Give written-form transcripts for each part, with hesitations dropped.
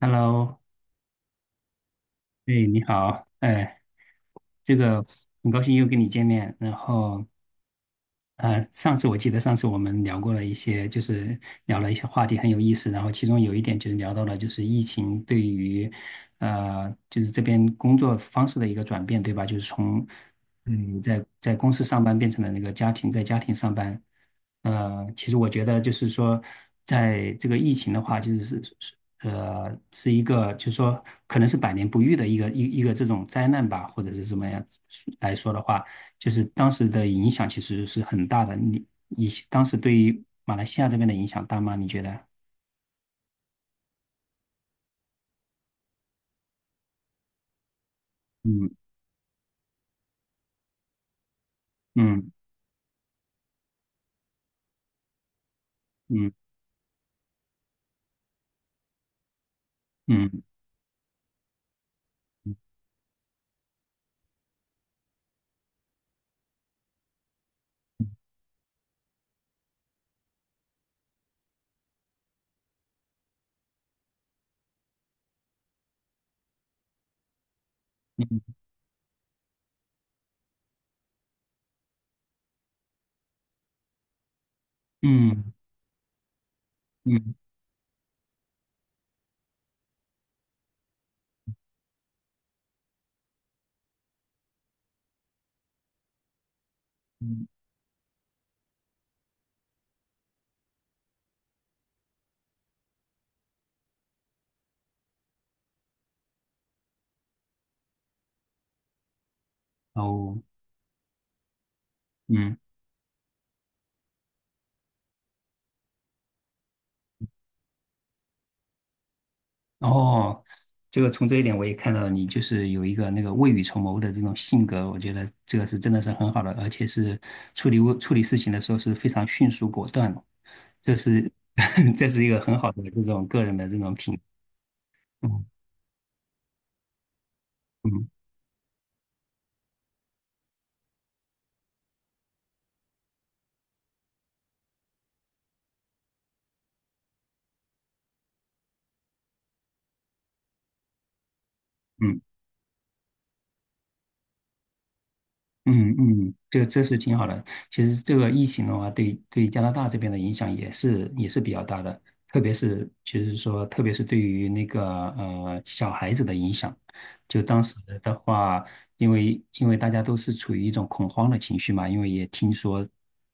Hello，哎，你好，哎，这个很高兴又跟你见面。然后，上次我们聊过了一些，就是聊了一些话题很有意思。然后其中有一点就是聊到了就是疫情对于，就是这边工作方式的一个转变，对吧？就是从你在公司上班变成了那个家庭，在家庭上班。呃，其实我觉得就是说，在这个疫情的话，就是是一个，就是说可能是百年不遇的一个一个这种灾难吧，或者是什么样来说的话，就是当时的影响其实是很大的。你当时对于马来西亚这边的影响大吗？你觉得？嗯，嗯，嗯，嗯，嗯，嗯，嗯，嗯，哦，嗯。哦，这个从这一点我也看到你就是有一个那个未雨绸缪的这种性格，我觉得这个是真的是很好的，而且是处理事情的时候是非常迅速果断的，这是 这是一个很好的这种个人的这种品，嗯，嗯，嗯，嗯，嗯，这个这是挺好的。其实这个疫情的话，对加拿大这边的影响也是比较大的，特别是对于那个小孩子的影响。就当时的话，因为大家都是处于一种恐慌的情绪嘛，因为也听说，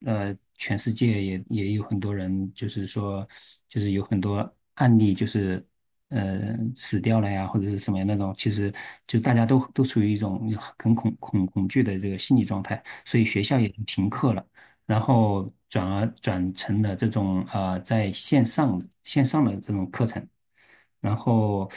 全世界也有很多人，就是说，就是有很多案例，就是死掉了呀，或者是什么那种，其实就大家都处于一种很恐惧的这个心理状态，所以学校也就停课了。然后转而转成了这种在线上的线上的这种课程，然后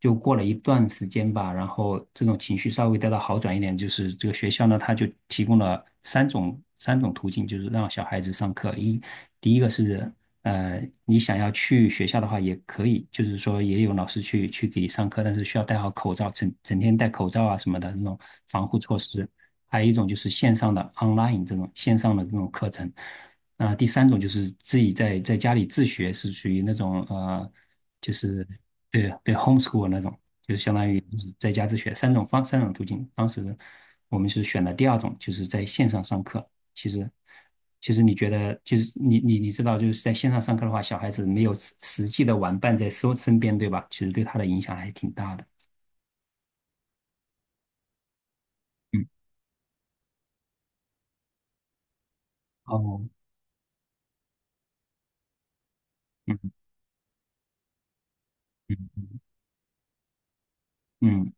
就过了一段时间吧，然后这种情绪稍微得到好转一点，就是这个学校呢，他就提供了三种途径，就是让小孩子上课。一，第一个是你想要去学校的话也可以，就是说也有老师去给你上课，但是需要戴好口罩，整整天戴口罩啊什么的那种防护措施。还有一种就是线上的 online 这种线上的这种课程，第三种就是自己在家里自学，是属于那种就是对对 homeschool 那种，就是相当于就是在家自学三种途径。当时我们是选的第二种，就是在线上上课。其实其实你觉得就是你知道就是在线上上课的话，小孩子没有实际的玩伴在身边，对吧？其实对他的影响还挺大的。嗯。哦。嗯，嗯，嗯。嗯，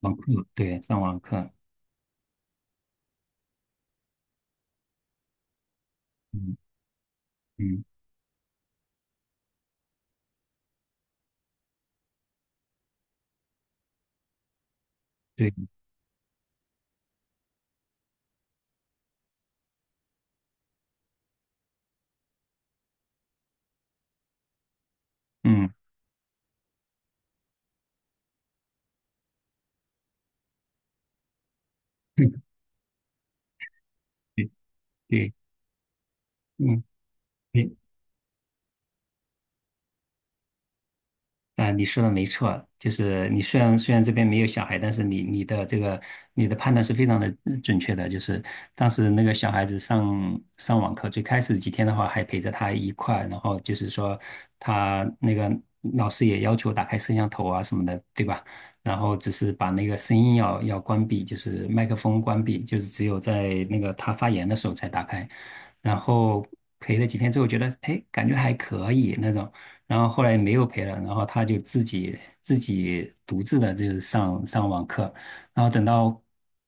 网课，对，上网课。嗯，嗯。对。嗯 对，对。嗯。对。啊、你说的没错，就是你虽然这边没有小孩，但是你的判断是非常的准确的。就是当时那个小孩子上网课，最开始几天的话还陪着他一块儿，然后就是说他那个老师也要求打开摄像头啊什么的，对吧？然后只是把那个声音要关闭，就是麦克风关闭，就是只有在那个他发言的时候才打开。然后陪了几天之后，觉得哎，诶感觉还可以那种。然后后来没有陪了，然后他就自己独自的就是上网课，然后等到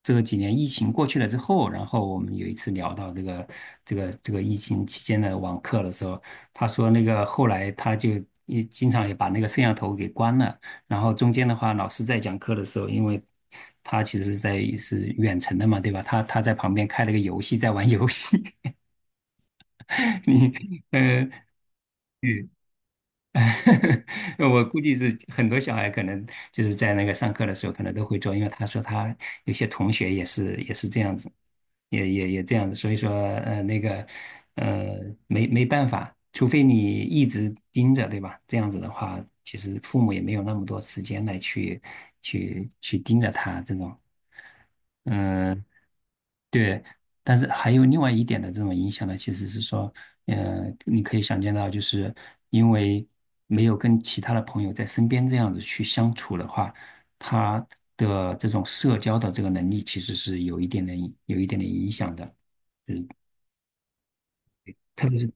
这个几年疫情过去了之后，然后我们有一次聊到这个疫情期间的网课的时候，他说那个后来他就也经常也把那个摄像头给关了，然后中间的话老师在讲课的时候，因为他其实是远程的嘛，对吧？他在旁边开了个游戏在玩游戏，你呃。嗯。 我估计是很多小孩可能就是在那个上课的时候可能都会做，因为他说他有些同学也是这样子，也这样子，所以说那个呃没没办法，除非你一直盯着，对吧？这样子的话，其实父母也没有那么多时间来去盯着他这种。嗯。对，但是还有另外一点的这种影响呢，其实是说，你可以想见到，就是因为没有跟其他的朋友在身边这样子去相处的话，他的这种社交的这个能力其实是有一点点有一点点影响的。嗯，特别是。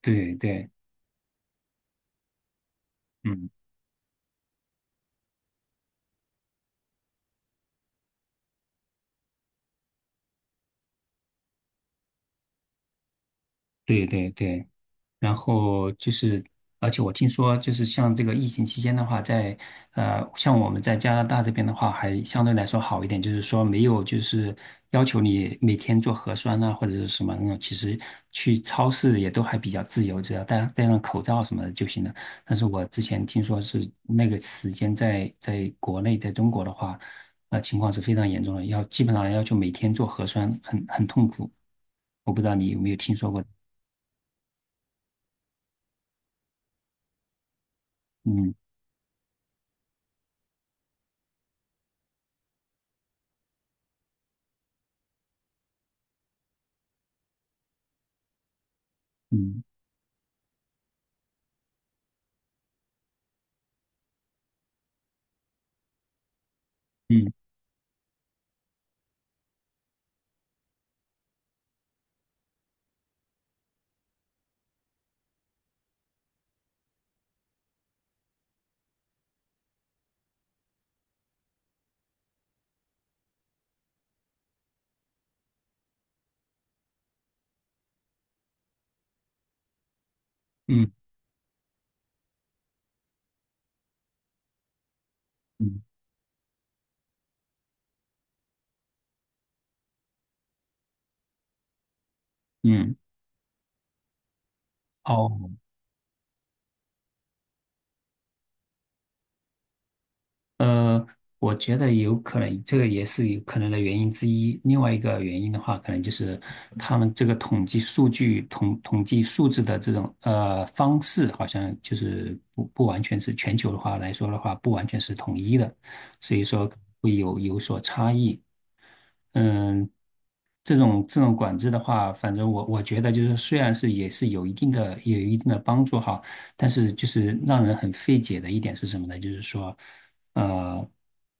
对，对。嗯。对，对，对。然后就是，而且我听说，就是像这个疫情期间的话，在像我们在加拿大这边的话，还相对来说好一点，就是说没有就是要求你每天做核酸啊，或者是什么那种，其实去超市也都还比较自由，只要戴戴上口罩什么的就行了。但是我之前听说是那个时间在国内，在中国的话，情况是非常严重的，要基本上要求每天做核酸，很很痛苦。我不知道你有没有听说过？嗯，嗯，嗯。嗯，嗯，嗯，哦。呃，我觉得有可能，这个也是有可能的原因之一。另外一个原因的话，可能就是他们这个统计数字的这种方式，好像就是不完全是，全球的话来说的话，不完全是统一的，所以说会有有所差异。嗯，这种这种管制的话，反正我我觉得就是，虽然是也是有一定的帮助哈，但是就是让人很费解的一点是什么呢？就是说，呃，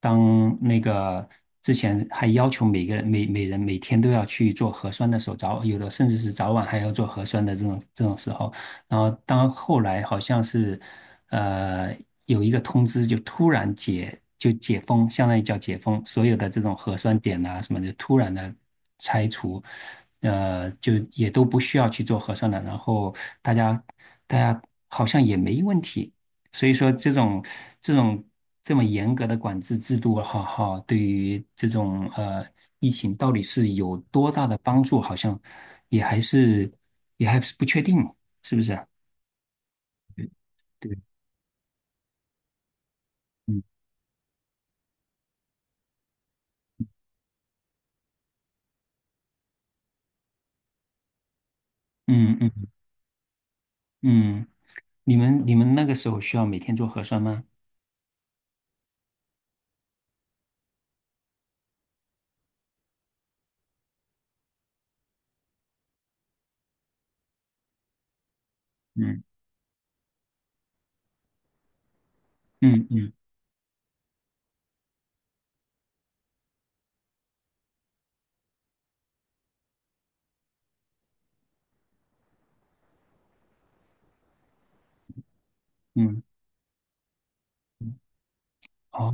当那个之前还要求每人每天都要去做核酸的时候，早有的甚至是早晚还要做核酸的这种这种时候，然后当后来好像是呃有一个通知，就突然解就解封，相当于叫解封，所有的这种核酸点呐什么就突然的拆除，就也都不需要去做核酸了，然后大家大家好像也没问题。所以说这种这种这么严格的管制制度，哈哈，对于这种疫情到底是有多大的帮助，好像也还是也还是不确定，是不是？对，嗯，嗯，嗯，嗯。你们那个时候需要每天做核酸吗？嗯，嗯，嗯，嗯，哦，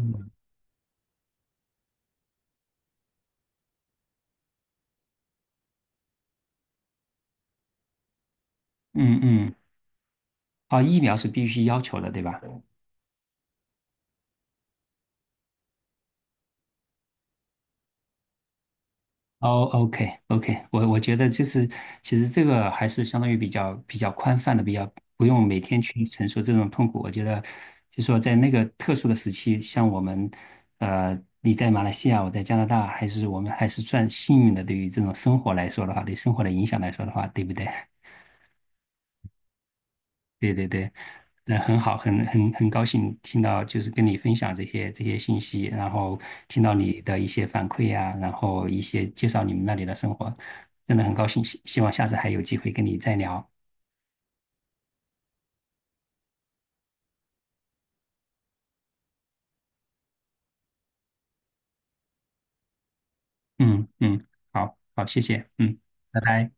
嗯，嗯。啊，疫苗是必须要求的，对吧？哦，OK，OK，我觉得就是其实这个还是相当于比较宽泛的，比较不用每天去承受这种痛苦。我觉得就说在那个特殊的时期，像我们，你在马来西亚，我在加拿大，还是我们还是算幸运的。对于这种生活来说的话，对生活的影响来说的话，对不对？对，对，对。那很好，很很高兴听到，就是跟你分享这些信息，然后听到你的一些反馈呀、然后一些介绍你们那里的生活，真的很高兴，希望下次还有机会跟你再聊。嗯，嗯，好，好，谢谢。嗯，拜拜。